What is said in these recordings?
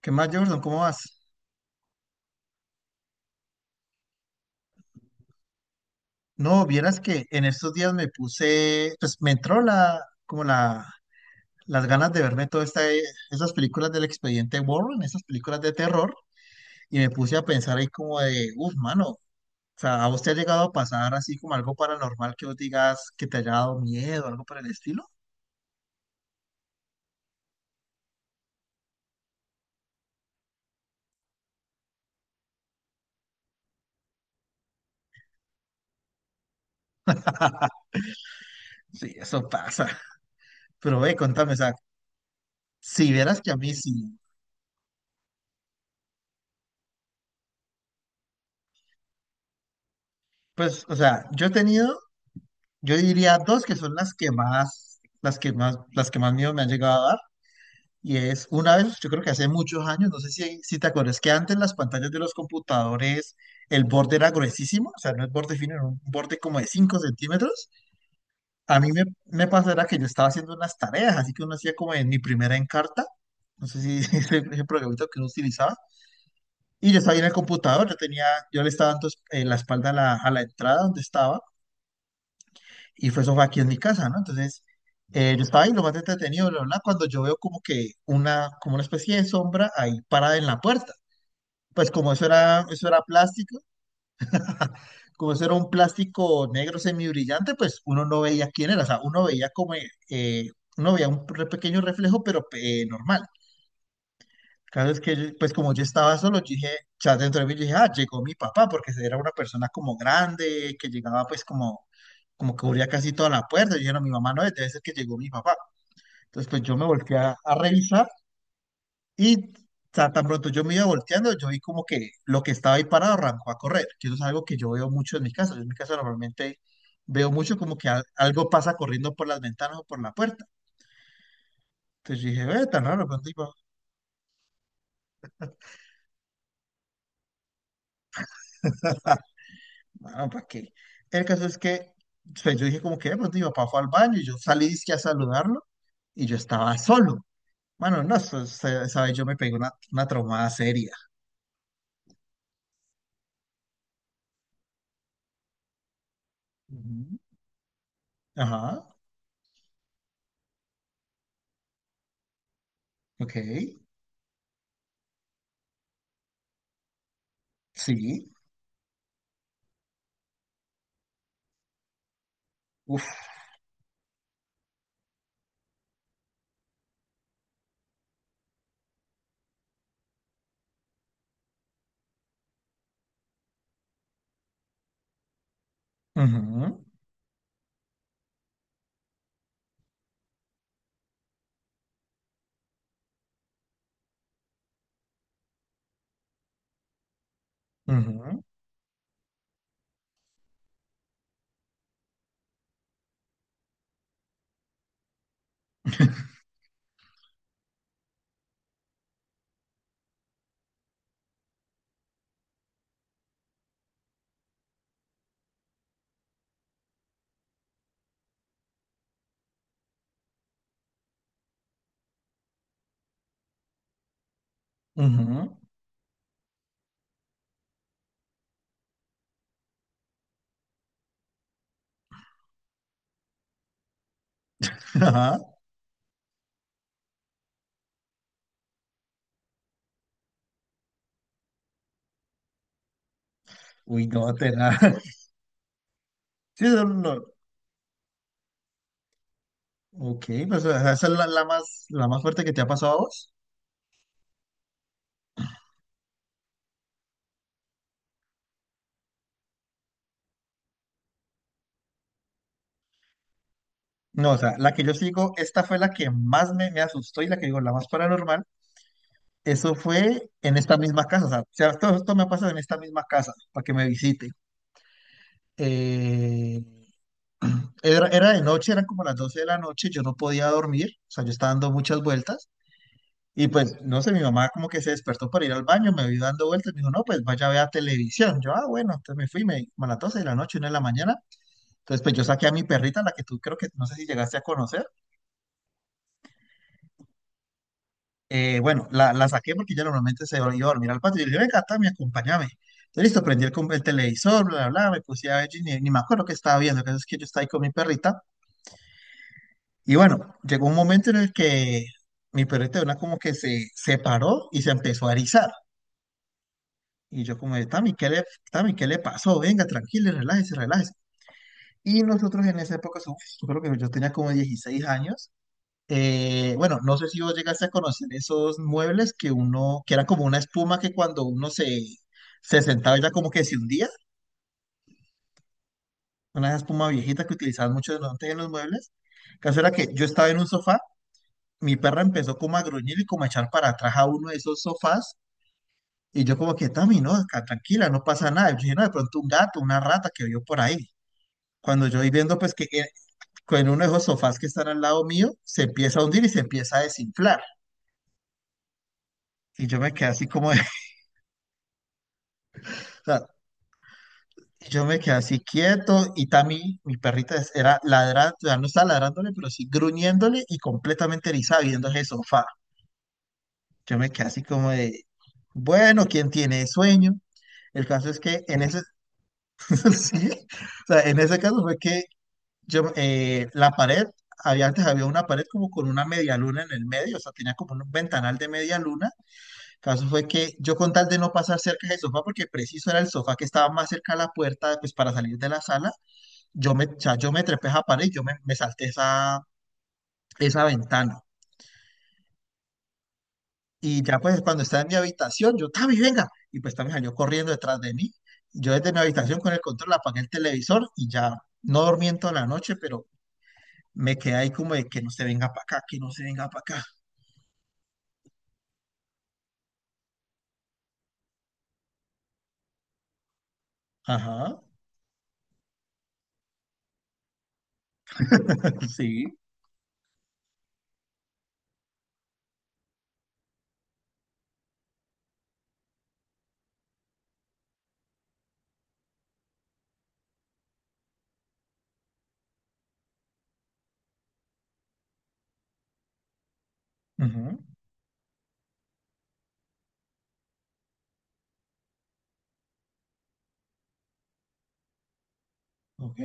¿Qué más, Jordan? ¿Cómo vas? No, vieras que en estos días pues me entró como la, las ganas de verme todas esas películas del Expediente Warren, esas películas de terror, y me puse a pensar ahí como de, uff, mano, o sea, ¿a vos te ha llegado a pasar así como algo paranormal que vos digas que te haya dado miedo, algo por el estilo? Sí, eso pasa. Pero ve, contame, o sea, si vieras que a mí sí, pues, o sea, yo diría dos que son las que más, las que más, las que más miedo me han llegado a dar. Y es una vez, yo creo que hace muchos años, no sé si te acuerdas que antes las pantallas de los computadores, el borde era gruesísimo, o sea, no es borde fino, era un borde como de 5 centímetros. A mí me pasó era que yo estaba haciendo unas tareas, así que uno hacía como en mi primera encarta, no sé si programita que uno utilizaba, y yo estaba ahí en el computador, yo le estaba dando la espalda a la entrada donde estaba, y fue eso fue aquí en mi casa, ¿no? Entonces, yo estaba ahí lo más entretenido, bla, bla, bla, cuando yo veo como que como una especie de sombra ahí parada en la puerta. Pues como eso era plástico, como eso era un plástico negro semibrillante, pues uno no veía quién era, o sea, eh, uno veía un pequeño reflejo, pero normal. Cada vez que, yo- Pues como yo estaba solo, yo dije, o sea, dentro de mí yo dije, ah, llegó mi papá, porque era una persona como grande, que llegaba pues como que cubría casi toda la puerta. Yo dije, no, mi mamá no es, debe ser que llegó mi papá. Entonces, pues yo me volteé a revisar y o tan pronto yo me iba volteando, yo vi como que lo que estaba ahí parado arrancó a correr, que eso es algo que yo veo mucho en mi casa. Yo en mi casa normalmente veo mucho como que algo pasa corriendo por las ventanas o por la puerta. Entonces yo dije, ve, tan raro, bueno, ¿para qué? El caso es que pues, yo dije como que de pronto mi papá fue al baño y yo salí dizque a saludarlo y yo estaba solo. Bueno, no, esa vez yo me pegué una traumada seria. Ujú. Ajá, ok, sí. Ujú, ujú, ujú, ajá. Uy, no, te da. Sí, no, no. No. Ok, pues o sea, esa es la más fuerte que te ha pasado a vos. No, o sea, la que yo sigo, esta fue la que más me asustó y la que digo, la más paranormal. Eso fue en esta misma casa. O sea, todo esto me ha pasado en esta misma casa para que me visite. Eh, Era, era de noche, eran como las 12 de la noche, yo no podía dormir, o sea, yo estaba dando muchas vueltas. Y pues, no sé, mi mamá como que se despertó para ir al baño, me vio dando vueltas, me dijo, no, pues vaya a ver televisión. Yo, ah, bueno, entonces me fui, como a las 12 de la noche, 1 de la mañana. Entonces, pues yo saqué a mi perrita, la que tú creo que, no sé si llegaste a conocer. Bueno, la saqué porque ella normalmente se iba a dormir al patio. Y yo le dije, venga, Tami, acompáñame. Entonces, listo, prendí el televisor, bla, bla, bla, me puse a ver, y ni me acuerdo qué estaba viendo, que es que yo estaba ahí con mi perrita. Y bueno, llegó un momento en el que mi perrita de una como que se separó y se empezó a erizar. Y yo como, de, Tami, ¿qué le pasó? Venga, tranquila, relájese, relájese. Y nosotros en esa época, uf, yo creo que yo tenía como 16 años. Bueno, no sé si vos llegaste a conocer esos muebles que uno, que era como una espuma que cuando uno se sentaba ya como que se hundía, una espuma viejita que utilizaban mucho antes en los muebles. El caso era que yo estaba en un sofá, mi perra empezó como a gruñir y como a echar para atrás a uno de esos sofás. Y yo como que, Tami, no, acá, tranquila, no pasa nada. Yo dije, no, de pronto un gato, una rata que vio por ahí. Cuando yo voy viendo, pues que con uno de esos sofás que están al lado mío, se empieza a hundir y se empieza a desinflar. Y yo me quedé así como, de- o sea, yo me quedé así quieto y Tami, mi perrita, era ladrando, ya no estaba ladrándole, pero sí gruñéndole y completamente erizada viendo ese sofá. Yo me quedé así como de, bueno, ¿quién tiene sueño? El caso es que en ese, sí, o sea, en ese caso fue que yo, la pared, había, antes había una pared como con una media luna en el medio, o sea, tenía como un ventanal de media luna. El caso fue que yo con tal de no pasar cerca del sofá, porque preciso era el sofá que estaba más cerca a la puerta, pues para salir de la sala, o sea, yo me trepé a esa pared, me salté esa ventana. Y ya pues cuando estaba en mi habitación, yo, Tavi, venga. Y pues Tavi salió corriendo detrás de mí. Yo desde mi habitación con el control apagué el televisor y ya no dormí en toda la noche, pero me quedé ahí como de que no se venga para acá, que no se venga para acá. Ajá, sí. Ujú, ok,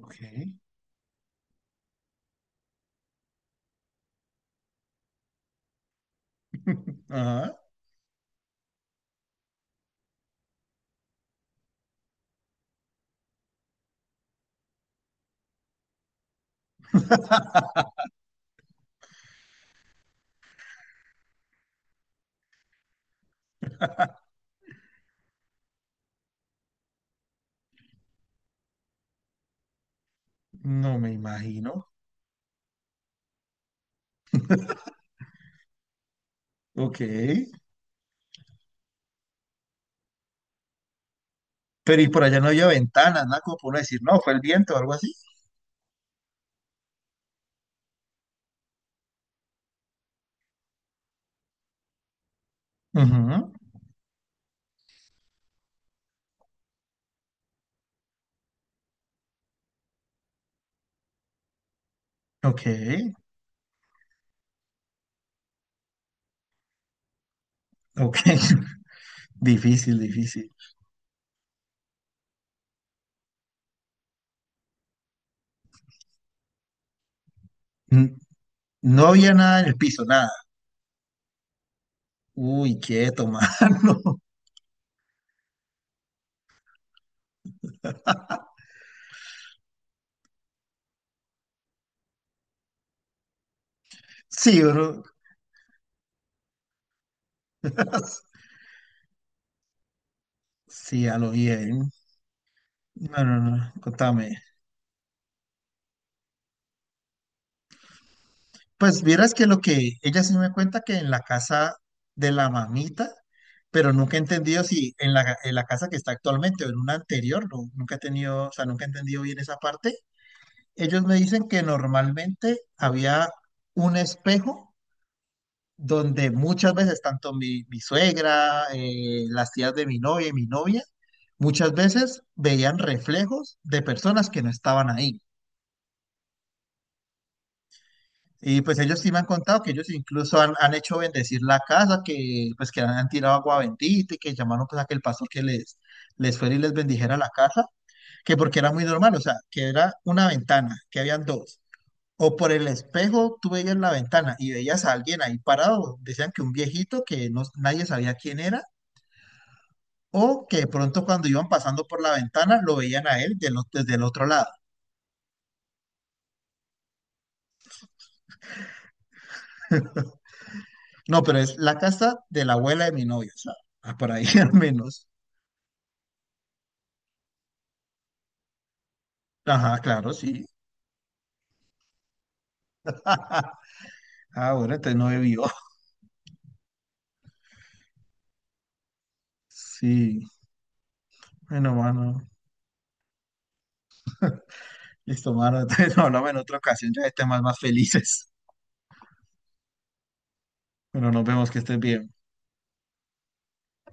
ok. Ajá, no me imagino. Ok. Pero y por allá no había ventanas, nada como para uno decir, no, fue el viento o algo así. Ujú, ok, ok. Difícil, difícil. N- No había nada en el piso, nada. Uy, quieto, mano. Sí, bro. Sí, a lo bien. No, no, no, contame. Pues vieras que lo que ella sí me cuenta que en la casa de la mamita, pero nunca he entendido si en la casa que está actualmente o en una anterior, nunca he tenido, o sea, nunca he entendido bien esa parte. Ellos me dicen que normalmente había un espejo donde muchas veces tanto mi suegra, las tías de mi novia y mi novia, muchas veces veían reflejos de personas que no estaban ahí. Y pues ellos sí me han contado que ellos incluso han hecho bendecir la casa, que pues que han tirado agua bendita y que llamaron pues a que el pastor que les fuera y les bendijera la casa, que porque era muy normal, o sea, que era una ventana, que habían dos. O por el espejo tú veías la ventana y veías a alguien ahí parado, decían que un viejito que no, nadie sabía quién era, o que de pronto cuando iban pasando por la ventana lo veían a él desde el otro lado. No, pero es la casa de la abuela de mi novia, o sea, ah, por ahí al menos. Ajá, claro, sí. Ah, bueno, entonces no bebió. Sí, bueno, mano. Listo, mano. Entonces hablamos en otra ocasión, ya de temas más felices. Bueno, nos vemos, que estés bien.